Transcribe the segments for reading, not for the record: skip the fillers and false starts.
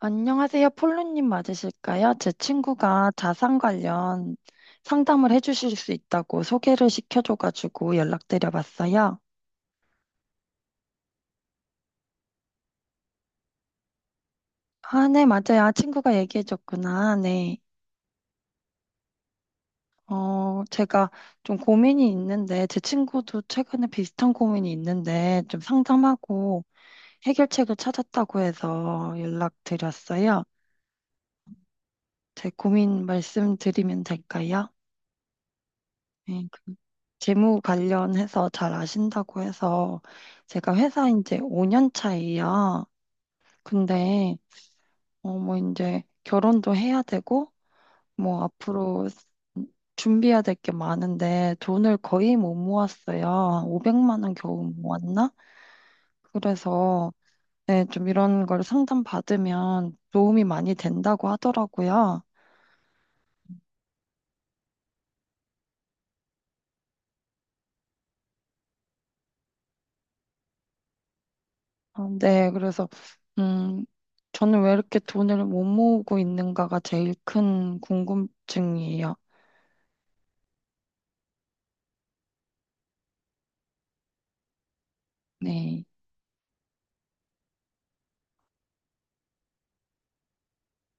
안녕하세요. 폴로님 맞으실까요? 제 친구가 자산 관련 상담을 해주실 수 있다고 소개를 시켜줘가지고 연락드려봤어요. 아, 네, 맞아요. 아, 친구가 얘기해줬구나. 네. 제가 좀 고민이 있는데, 제 친구도 최근에 비슷한 고민이 있는데, 좀 상담하고 해결책을 찾았다고 해서 연락드렸어요. 제 고민 말씀드리면 될까요? 네, 그 재무 관련해서 잘 아신다고 해서 제가 회사 이제 5년 차예요. 근데 뭐 이제 결혼도 해야 되고 뭐 앞으로 준비해야 될 게 많은데 돈을 거의 못 모았어요. 500만 원 겨우 모았나? 그래서 네, 좀 이런 걸 상담 받으면 도움이 많이 된다고 하더라고요. 아, 네, 그래서, 음, 저는 왜 이렇게 돈을 못 모으고 있는가가 제일 큰 궁금증이에요. 네.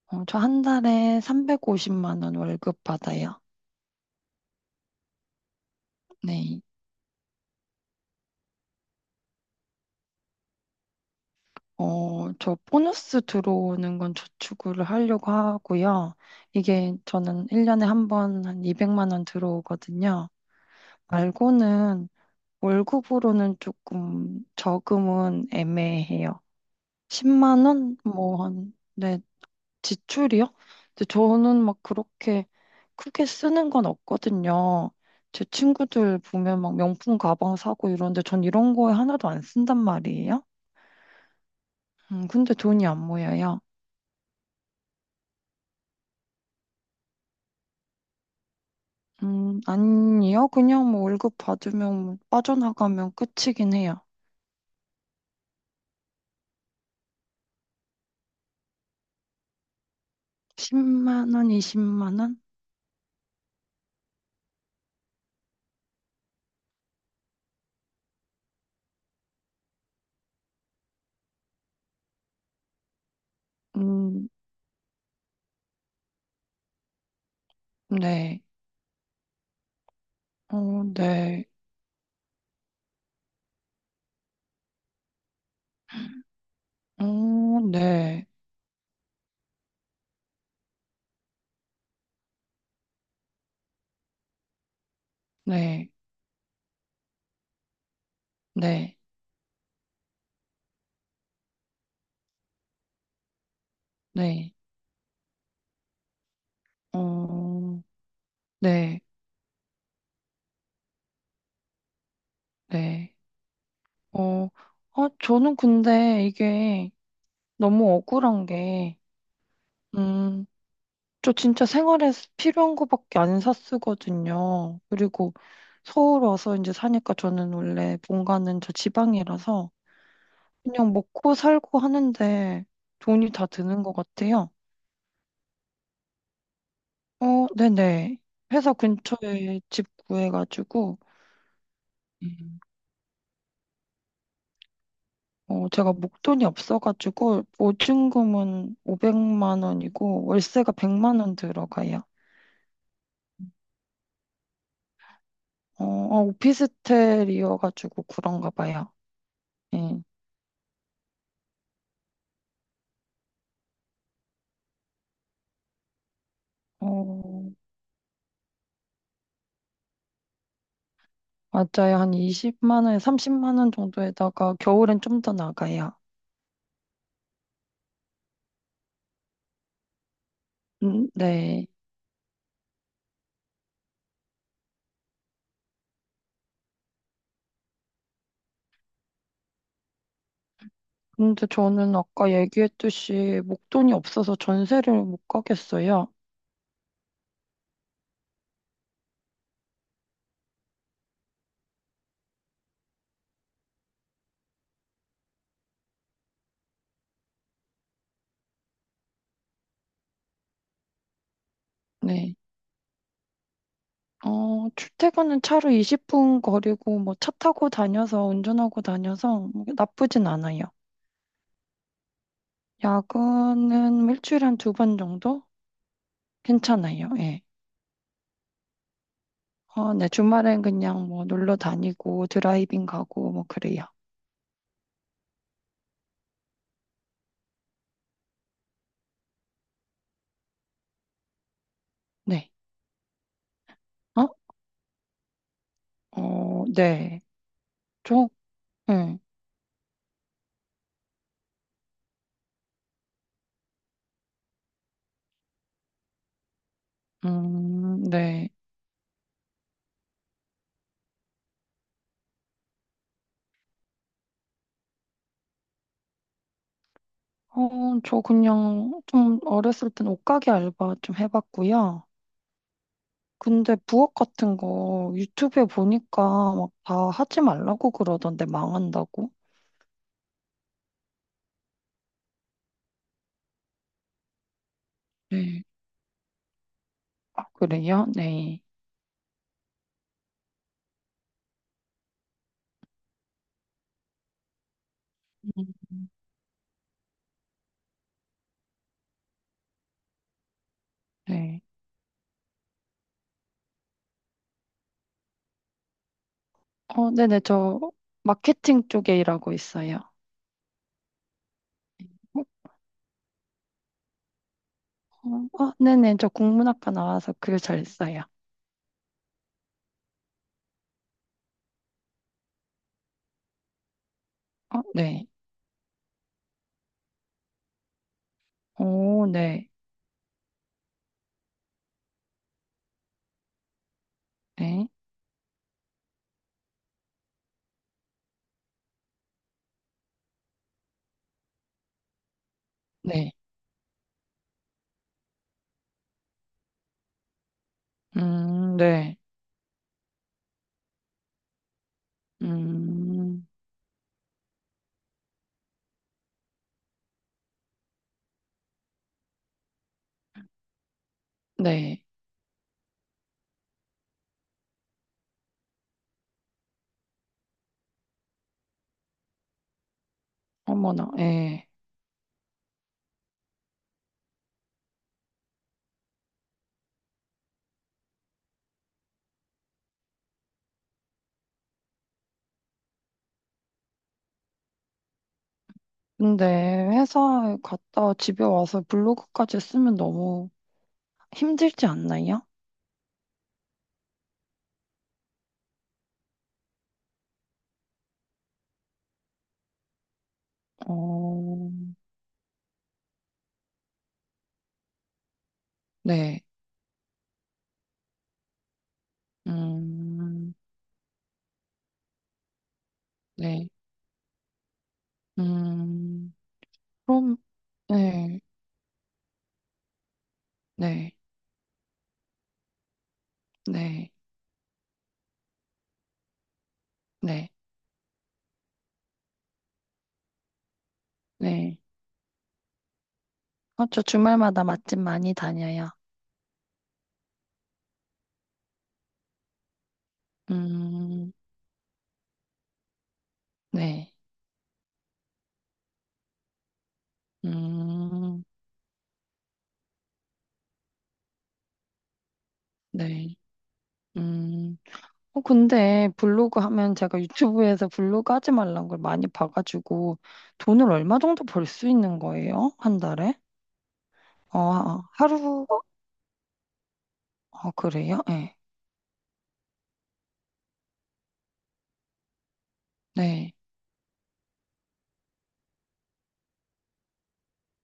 저 한 달에 350만 원 월급 받아요. 네. 저 보너스 들어오는 건 저축을 하려고 하고요. 이게 저는 1년에 한 번 한 200만 원 들어오거든요. 말고는 월급으로는 조금 저금은 애매해요. 10만 원? 뭐 네, 지출이요? 근데 저는 막 그렇게 크게 쓰는 건 없거든요. 제 친구들 보면 막 명품 가방 사고 이러는데 전 이런 거에 하나도 안 쓴단 말이에요. 근데 돈이 안 모여요. 아니요. 그냥 뭐 월급 받으면 뭐 빠져나가면 끝이긴 해요. 10만 원, 20만 원? 음, 네. 네. 어, 네. 네. 네. 네. 어, 네. 네. 어, 아, 저는 근데 이게 너무 억울한 게, 음, 저 진짜 생활에 필요한 거밖에 안 샀거든요. 그리고 서울 와서 이제 사니까 저는 원래 본가는 저 지방이라서 그냥 먹고 살고 하는데 돈이 다 드는 것 같아요. 네네. 회사 근처에 집 구해가지고, 음. 제가 목돈이 없어가지고 보증금은 500만 원이고 월세가 100만 원 들어가요. 오피스텔이어가지고 그런가 봐요. 예. 어, 맞아요. 한 20만 원, 30만 원 정도에다가 겨울엔 좀 더 나가요. 네. 근데 저는 아까 얘기했듯이 목돈이 없어서 전세를 못 가겠어요. 네. 출퇴근은 차로 20분 거리고 뭐 차 타고 다녀서 운전하고 다녀서 나쁘진 않아요. 야근은 일주일에 한 두 번 정도? 괜찮아요. 예. 네, 주말엔 그냥 뭐 놀러 다니고 드라이빙 가고 뭐 그래요. 네. 어? 네. 저, 응. 네. 저 그냥 좀 어렸을 땐 옷가게 알바 좀 해봤고요. 근데 부업 같은 거 유튜브에 보니까 막 다 하지 말라고 그러던데 망한다고. 네. 아, 그래요? 네. 음, 네. 네네. 저 마케팅 쪽에 일하고 있어요. 네네. 저 국문학과 나와서 글 잘 써요. 네. 오, 네. 네. 네. 네. 음, 네. 어머나, 예. 근데 회사에 갔다 집에 와서 블로그까지 쓰면 너무 힘들지 않나요? 어, 네. 음, 네. 음, 그럼, 네. 네. 네. 네. 네. 저 주말마다 맛집 많이 다녀요. 음, 네. 음, 네. 음, 근데 블로그 하면 제가 유튜브에서 블로그 하지 말란 걸 많이 봐가지고 돈을 얼마 정도 벌 수 있는 거예요? 한 달에? 아, 그래요? 네. 네.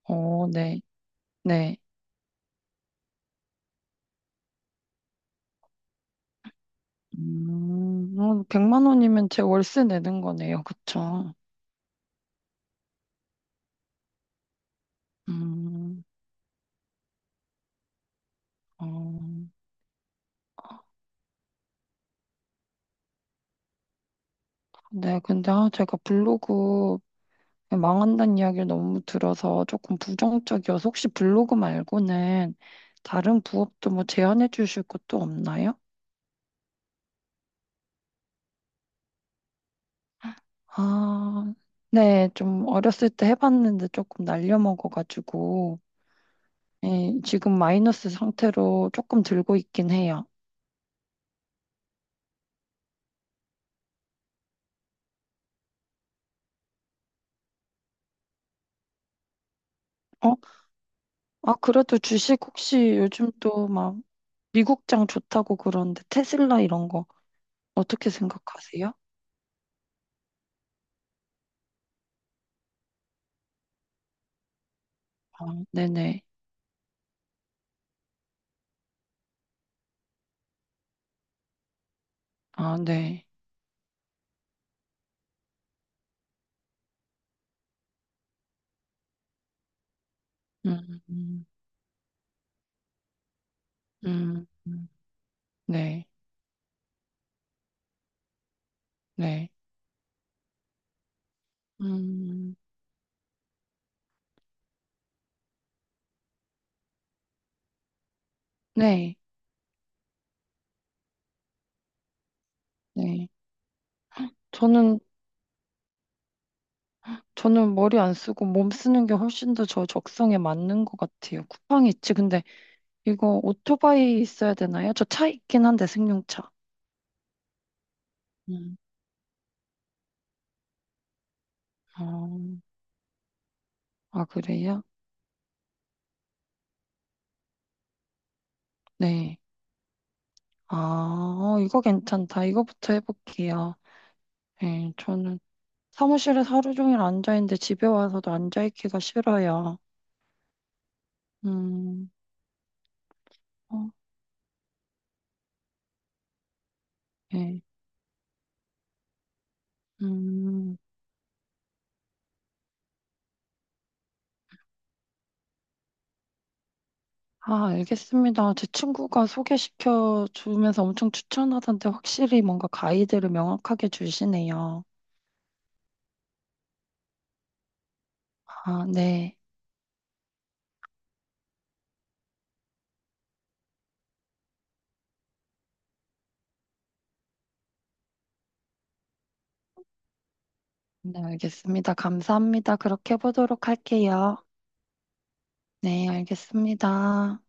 네. 네. 100만 원이면 제 월세 내는 거네요. 그쵸? 음, 어, 네. 근데 아, 제가 블로그 망한다는 이야기를 너무 들어서 조금 부정적이어서 혹시 블로그 말고는 다른 부업도 뭐 제안해 주실 것도 없나요? 아, 네, 좀 어렸을 때 해봤는데 조금 날려먹어가지고, 예, 지금 마이너스 상태로 조금 들고 있긴 해요. 어? 아, 그래도 주식 혹시 요즘 또 막 미국장 좋다고 그러는데 테슬라 이런 거 어떻게 생각하세요? 아, 네네. 아, 네. 음, 음, 음, 음, 네. 네. 음, 네. 네. 저는, 저는 머리 안 쓰고 몸 쓰는 게 훨씬 더 저 적성에 맞는 것 같아요. 쿠팡 있지. 근데 이거 오토바이 있어야 되나요? 저 차 있긴 한데, 승용차. 음, 어, 아, 그래요? 네. 아, 이거 괜찮다. 이거부터 해볼게요. 네, 저는 사무실에서 하루 종일 앉아있는데 집에 와서도 앉아있기가 싫어요. 음, 어, 네. 음. 아, 알겠습니다. 제 친구가 소개시켜 주면서 엄청 추천하던데 확실히 뭔가 가이드를 명확하게 주시네요. 아, 네. 네, 알겠습니다. 감사합니다. 그렇게 해보도록 할게요. 네, 알겠습니다.